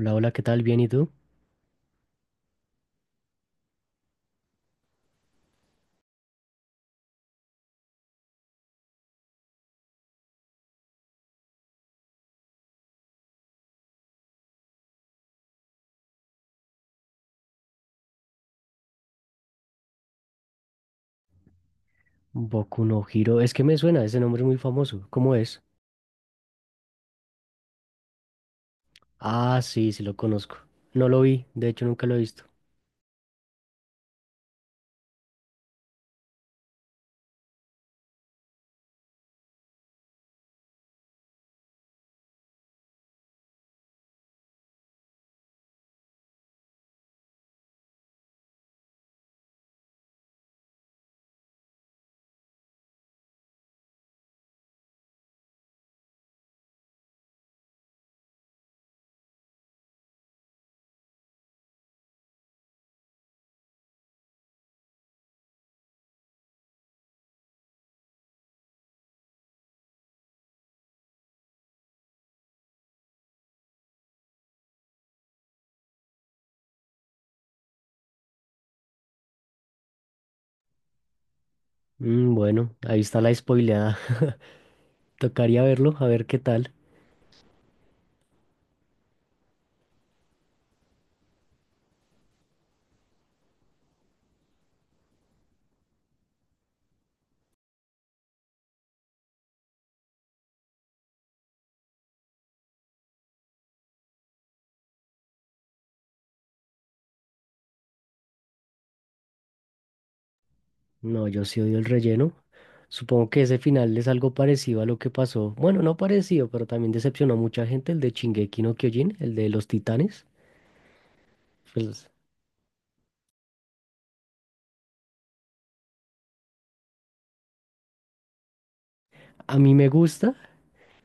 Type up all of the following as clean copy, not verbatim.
Hola, hola, ¿qué tal? ¿Bien y tú? Boku no Hero. Es que me suena, ese nombre es muy famoso. ¿Cómo es? Ah, sí, sí lo conozco. No lo vi, de hecho nunca lo he visto. Bueno, ahí está la spoileada. Tocaría verlo, a ver qué tal. No, yo sí odio el relleno. Supongo que ese final es algo parecido a lo que pasó. Bueno, no parecido, pero también decepcionó a mucha gente, el de Shingeki no Kyojin, el de los titanes. Pues a mí me gusta.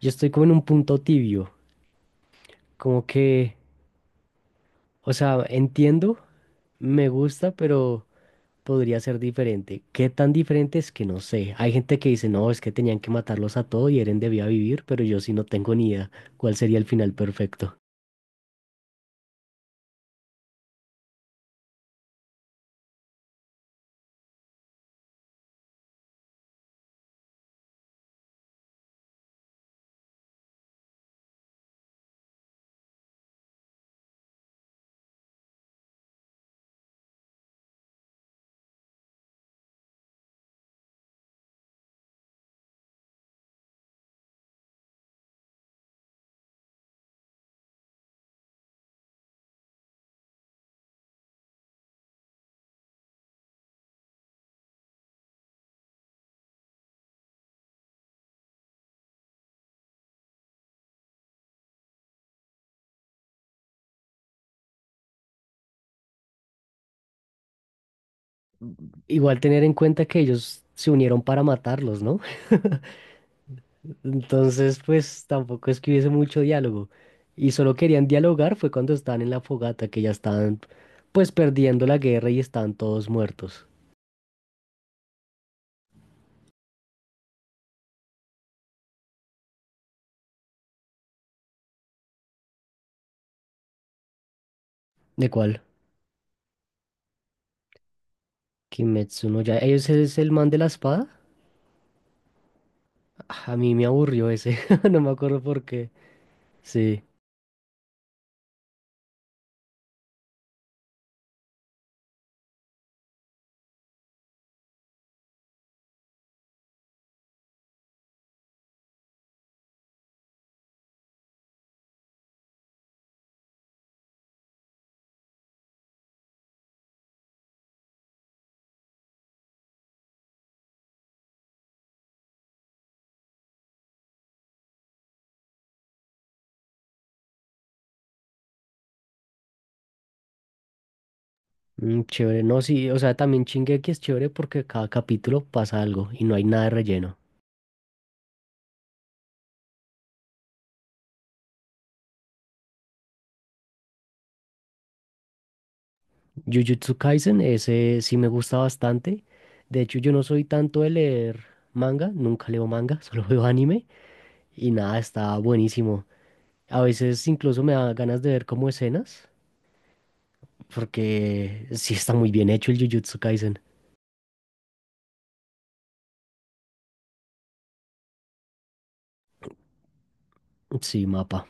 Yo estoy como en un punto tibio. Como que, o sea, entiendo, me gusta, pero podría ser diferente. ¿Qué tan diferente es que no sé? Hay gente que dice, no, es que tenían que matarlos a todos y Eren debía vivir, pero yo sí no tengo ni idea cuál sería el final perfecto. Igual tener en cuenta que ellos se unieron para matarlos, ¿no? Entonces, pues tampoco es que hubiese mucho diálogo. Y solo querían dialogar fue cuando estaban en la fogata, que ya estaban pues perdiendo la guerra y estaban todos muertos. ¿De cuál? ¿Kimetsu no ya ellos es el man de la espada? Ah, a mí me aburrió ese, no me acuerdo por qué. Sí, mm, chévere. No, sí, o sea, también Shingeki es chévere porque cada capítulo pasa algo y no hay nada de relleno. Jujutsu Kaisen, ese sí me gusta bastante. De hecho, yo no soy tanto de leer manga, nunca leo manga, solo veo anime y nada, está buenísimo. A veces incluso me da ganas de ver como escenas porque sí está muy bien hecho el Jujutsu Kaisen. Sí, mapa.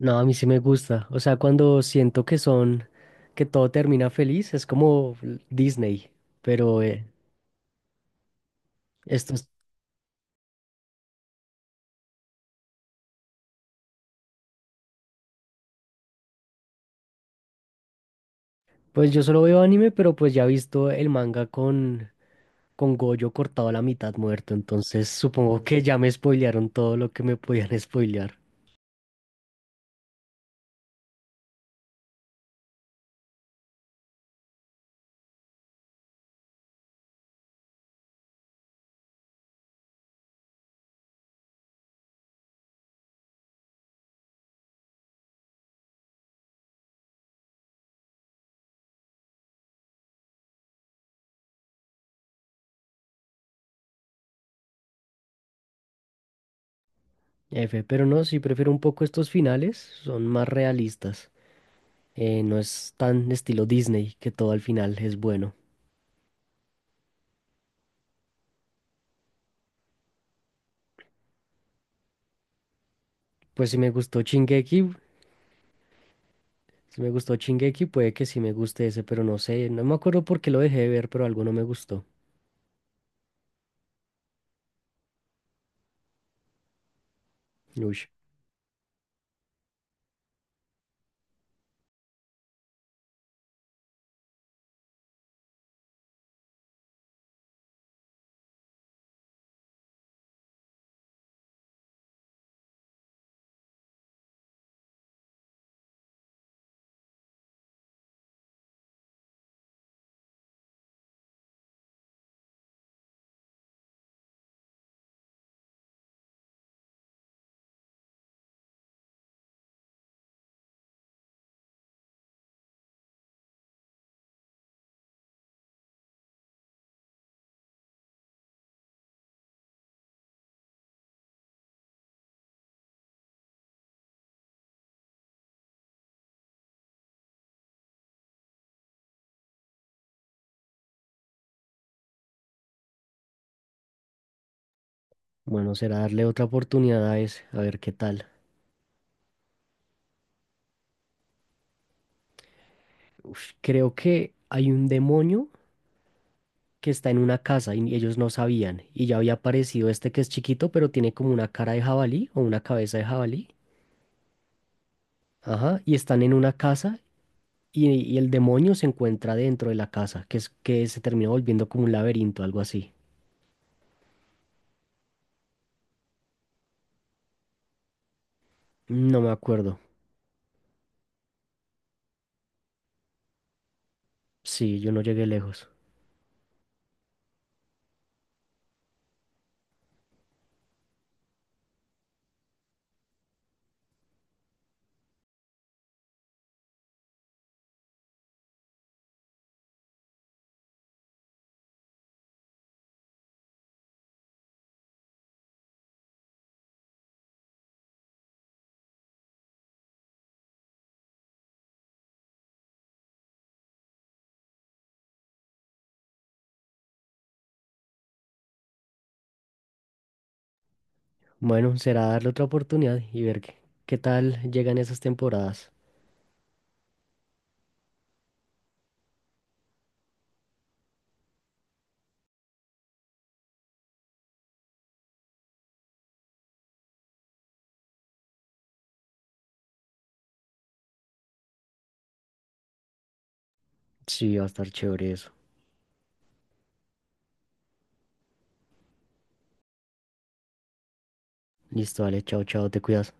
No, a mí sí me gusta. O sea, cuando siento que son, que todo termina feliz, es como Disney, pero estos, pues yo solo veo anime, pero pues ya he visto el manga con Goyo cortado a la mitad muerto, entonces supongo que ya me spoilearon todo lo que me podían spoilear. F, pero no, sí prefiero un poco estos finales, son más realistas. No es tan estilo Disney que todo al final es bueno. Pues si me gustó Shingeki, si me gustó Shingeki, puede que sí me guste ese, pero no sé, no me acuerdo por qué lo dejé de ver, pero algo no me gustó. Uy, bueno, será darle otra oportunidad a ese, a ver qué tal. Uf, creo que hay un demonio que está en una casa y ellos no sabían. Y ya había aparecido este que es chiquito, pero tiene como una cara de jabalí o una cabeza de jabalí. Ajá. Y están en una casa y el demonio se encuentra dentro de la casa, que es que se termina volviendo como un laberinto, algo así. No me acuerdo. Sí, yo no llegué lejos. Bueno, será darle otra oportunidad y ver qué, qué tal llegan esas temporadas. Sí, va a estar chévere eso. Listo, dale, chao, chao, te cuidas.